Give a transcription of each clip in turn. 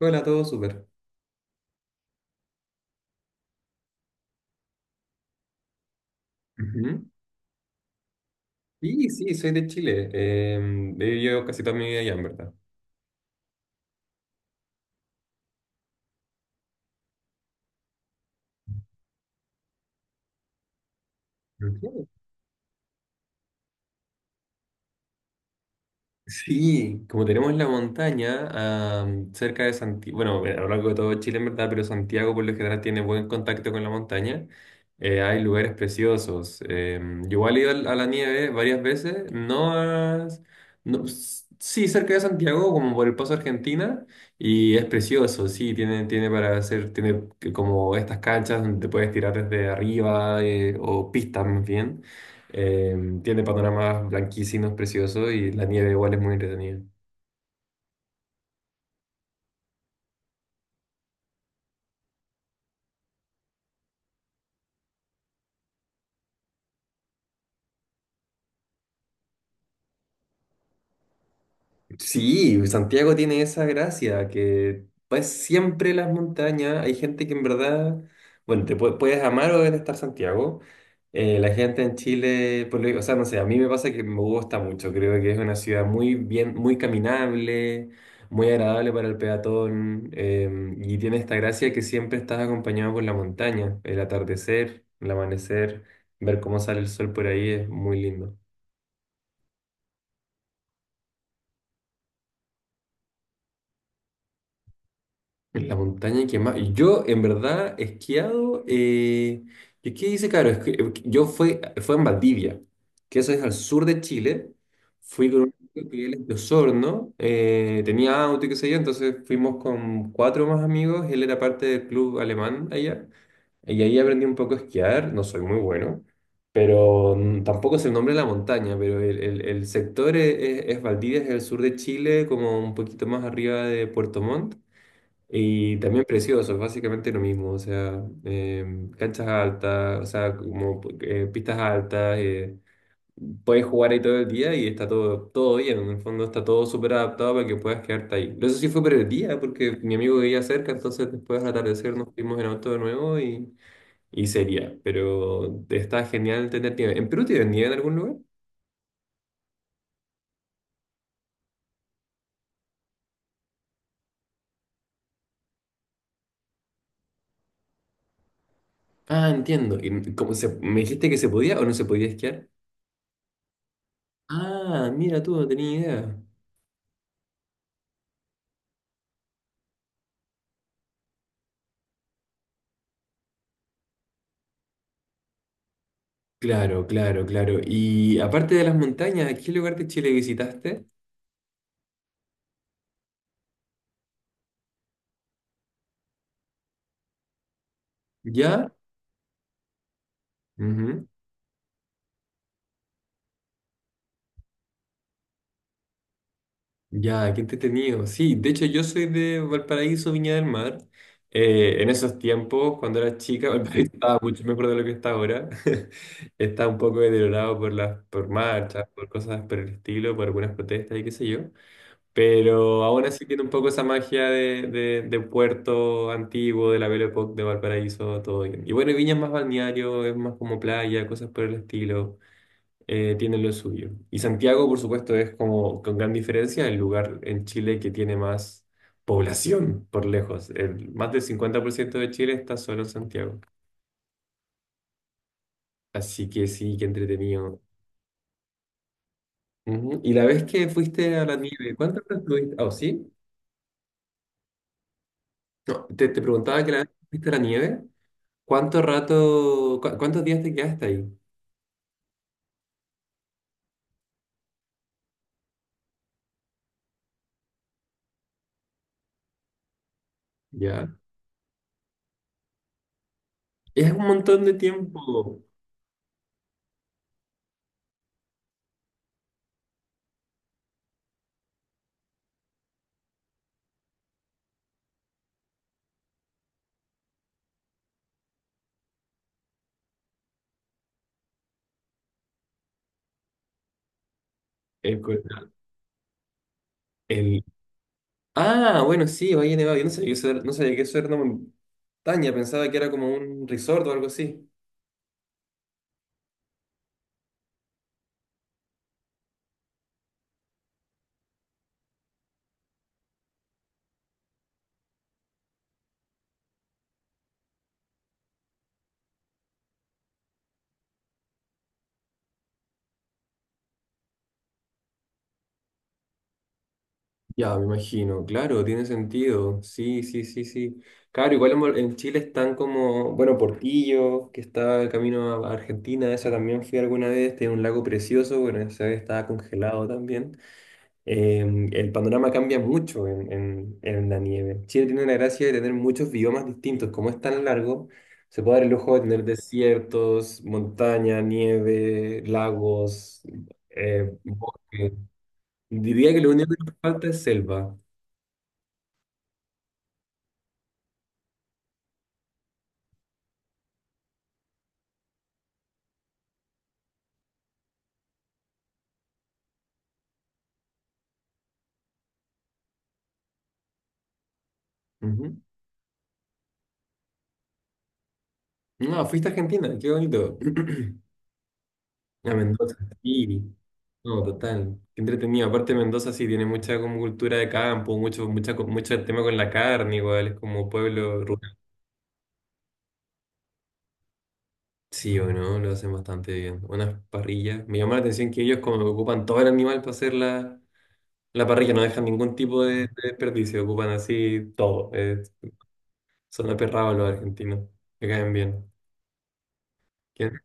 Hola, todo súper. Ujú. Sí, sí, soy de Chile. He vivido casi toda mi vida allá, en verdad. Sí, como tenemos la montaña cerca de Santiago, bueno, a lo largo de todo Chile en verdad, pero Santiago por lo general tiene buen contacto con la montaña, hay lugares preciosos. Yo igual he ido a la nieve varias veces, no, sí, cerca de Santiago, como por el Paso Argentina, y es precioso, sí, tiene para hacer, como estas canchas donde te puedes tirar desde arriba, o pistas más bien. Tiene panoramas blanquísinos, preciosos, y la nieve igual es muy entretenida. Sí, Santiago tiene esa gracia que pues siempre las montañas, hay gente que en verdad, bueno, te puedes amar o detestar Santiago. La gente en Chile, o sea, no sé, a mí me pasa que me gusta mucho, creo que es una ciudad muy bien, muy caminable, muy agradable para el peatón, y tiene esta gracia que siempre estás acompañado por la montaña, el atardecer, el amanecer, ver cómo sale el sol por ahí es muy lindo. En la montaña que más. Yo, en verdad, he esquiado. ¿Qué dice, claro? Es que yo fue en Valdivia, que eso es al sur de Chile. Fui con un amigo que él es de Osorno. Tenía auto y qué sé yo. Entonces fuimos con cuatro más amigos. Él era parte del club alemán allá. Y ahí aprendí un poco a esquiar. No soy muy bueno. Pero tampoco es el nombre de la montaña. Pero el sector es Valdivia, es el sur de Chile, como un poquito más arriba de Puerto Montt. Y también precioso, básicamente lo mismo, o sea, canchas altas, o sea, como pistas altas, puedes jugar ahí todo el día y está todo, todo bien, en el fondo está todo súper adaptado para que puedas quedarte ahí. Pero eso sí fue por el día, porque mi amigo vivía cerca, entonces después al atardecer nos fuimos en auto de nuevo, y sería, pero está genial tener nieve. ¿En Perú tienen nieve en algún lugar? Ah, entiendo. ¿Y cómo me dijiste que se podía o no se podía esquiar? Ah, mira tú, no tenía idea. Claro, claro, claro. Y aparte de las montañas, ¿a ¿qué lugar de Chile visitaste? ¿Ya? Ujú. Ya, qué entretenido. Sí, de hecho yo soy de Valparaíso, Viña del Mar. En esos tiempos, cuando era chica, Valparaíso estaba mucho mejor de lo que está ahora. Está un poco deteriorado por marchas, por cosas por el estilo, por algunas protestas y qué sé yo. Pero aún así tiene un poco esa magia de puerto antiguo, de la Belle Époque, de Valparaíso, todo bien. Y bueno, Viña es más balneario, es más como playa, cosas por el estilo, tiene lo suyo. Y Santiago, por supuesto, es como con gran diferencia el lugar en Chile que tiene más población por lejos. Más del 50% de Chile está solo en Santiago. Así que sí, qué entretenido. Ujú. Y la vez que fuiste a la nieve, ¿cuántas horas estuviste? Oh, sí. No, te preguntaba que la vez que fuiste a la nieve. ¿Cuánto rato, cuántos días te quedaste ahí? Ya. Es un montón de tiempo. El, cu- el- Ah, bueno, sí, Valle Nevado. Yo no sabía, que eso era- no sabía que eso era una montaña. Pensaba que era como un resort o algo así. Ya, me imagino. Claro, tiene sentido. Sí, sí, sí, sí. Claro, igual en Chile están como, bueno, Portillo, que está el camino a Argentina. Esa también fui alguna vez. Tiene un lago precioso. Bueno, esa vez estaba congelado también. eh, el panorama cambia mucho en la nieve. Chile tiene la gracia de tener muchos biomas distintos. Como es tan largo, se puede dar el lujo de tener desiertos, montaña, nieve, lagos, bosque. Diría que lo único que nos falta es selva. Ujú. No, fuiste a Argentina, qué bonito. A Mendoza, sí. No, total. Qué entretenido. Aparte, Mendoza sí tiene mucha como cultura de campo, mucho tema con la carne, igual. Es como pueblo rural. Sí o no, lo hacen bastante bien. Unas parrillas. Me llama la atención que ellos como que ocupan todo el animal para hacer la parrilla, no dejan ningún tipo de desperdicio, ocupan así todo. Son aperrados los argentinos. Me caen bien. ¿Quién?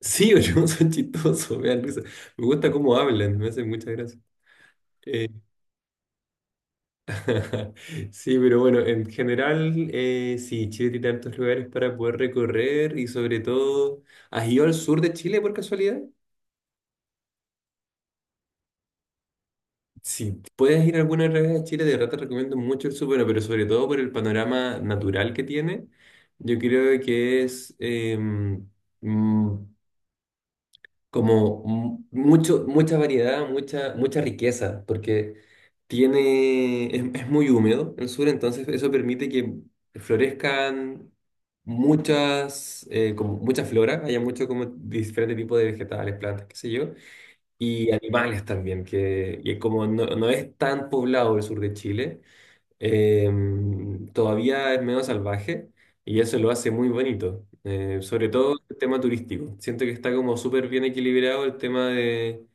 Sí o no, son chistosos, me dan risa. Me gusta cómo hablan, me hacen mucha gracia. Eh, sí, pero bueno, en general, sí, Chile tiene tantos lugares para poder recorrer y sobre todo, ¿has ido al sur de Chile por casualidad? Si puedes ir alguna vez a Chile, de verdad te recomiendo mucho el Súper, pero sobre todo por el panorama natural que tiene. Yo creo que es mm, como mucho, mucha variedad, mucha, mucha riqueza, porque es muy húmedo el sur, entonces eso permite que florezcan muchas, como mucha flora, haya mucho como diferente tipo de vegetales, plantas, qué sé yo, y animales también, y como no, no es tan poblado el sur de Chile, eh, todavía es menos salvaje, y eso lo hace muy bonito, sobre todo el tema turístico. Siento que está como súper bien equilibrado el tema de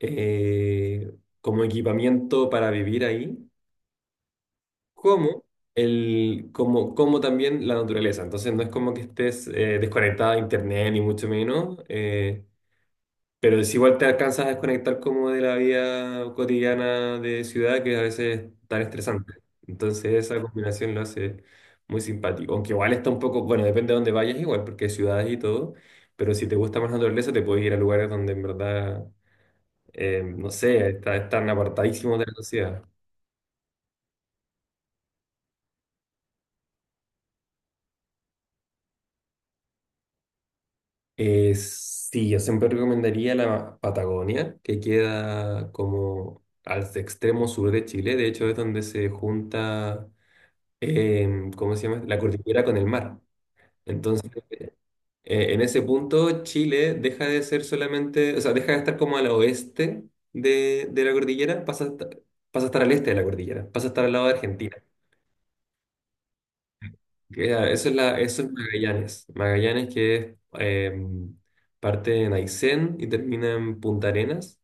eh, como equipamiento para vivir ahí, como, como también la naturaleza. Entonces no es como que estés desconectado a internet ni mucho menos. Pero si igual te alcanzas a desconectar como de la vida cotidiana de ciudad, que a veces es tan estresante. Entonces esa combinación lo hace muy simpático. Aunque igual está un poco, bueno, depende de dónde vayas igual, porque hay ciudades y todo, pero si te gusta más la naturaleza, te puedes ir a lugares donde en verdad, no sé, están apartadísimos de la sociedad. Sí, yo siempre recomendaría la Patagonia, que queda como al extremo sur de Chile. De hecho, es donde se junta ¿cómo se llama? La cordillera con el mar. Entonces, en ese punto, Chile deja de ser solamente, o sea, deja de estar como al oeste de la cordillera, pasa a estar al este de la cordillera, pasa a estar al lado de Argentina. Ah, eso es Magallanes. Magallanes que es, parte en Aysén y termina en Punta Arenas.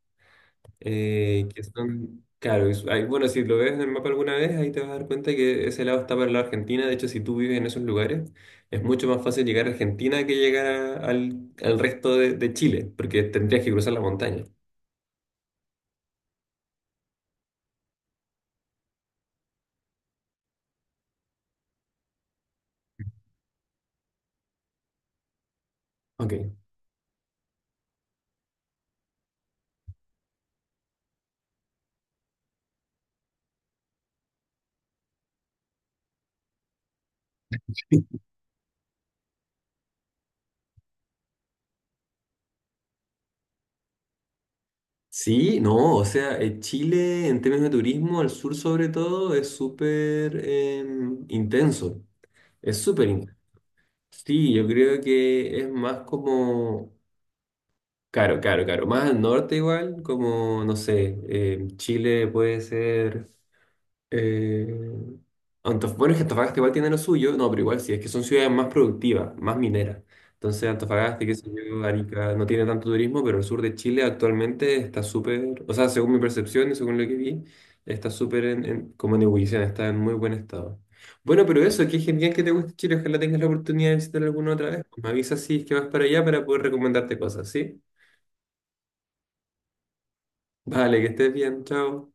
Que son, claro, bueno, si lo ves en el mapa alguna vez, ahí te vas a dar cuenta que ese lado está para la Argentina. De hecho, si tú vives en esos lugares, es mucho más fácil llegar a Argentina que llegar al resto de Chile, porque tendrías que cruzar la montaña. Ok. Sí, no, o sea, Chile en términos de turismo, al sur sobre todo, es súper intenso. Es súper intenso. Sí, yo creo que es más como Claro, claro, claro. Más al norte igual, como, no sé, Chile puede ser. eh, Antofagasta, bueno, es que Antofagasta igual tiene lo suyo, no, pero igual sí, es que son ciudades más productivas, más mineras. Entonces Antofagasta, qué sé yo, Arica, no tiene tanto turismo, pero el sur de Chile actualmente está súper, o sea, según mi percepción y según lo que vi, está súper como en ebullición, está en muy buen estado. Bueno, pero eso, qué genial que te guste Chile, ojalá tengas la oportunidad de visitar alguna otra vez. Pues me avisas si es que vas para allá para poder recomendarte cosas, ¿sí? Vale, que estés bien, chao.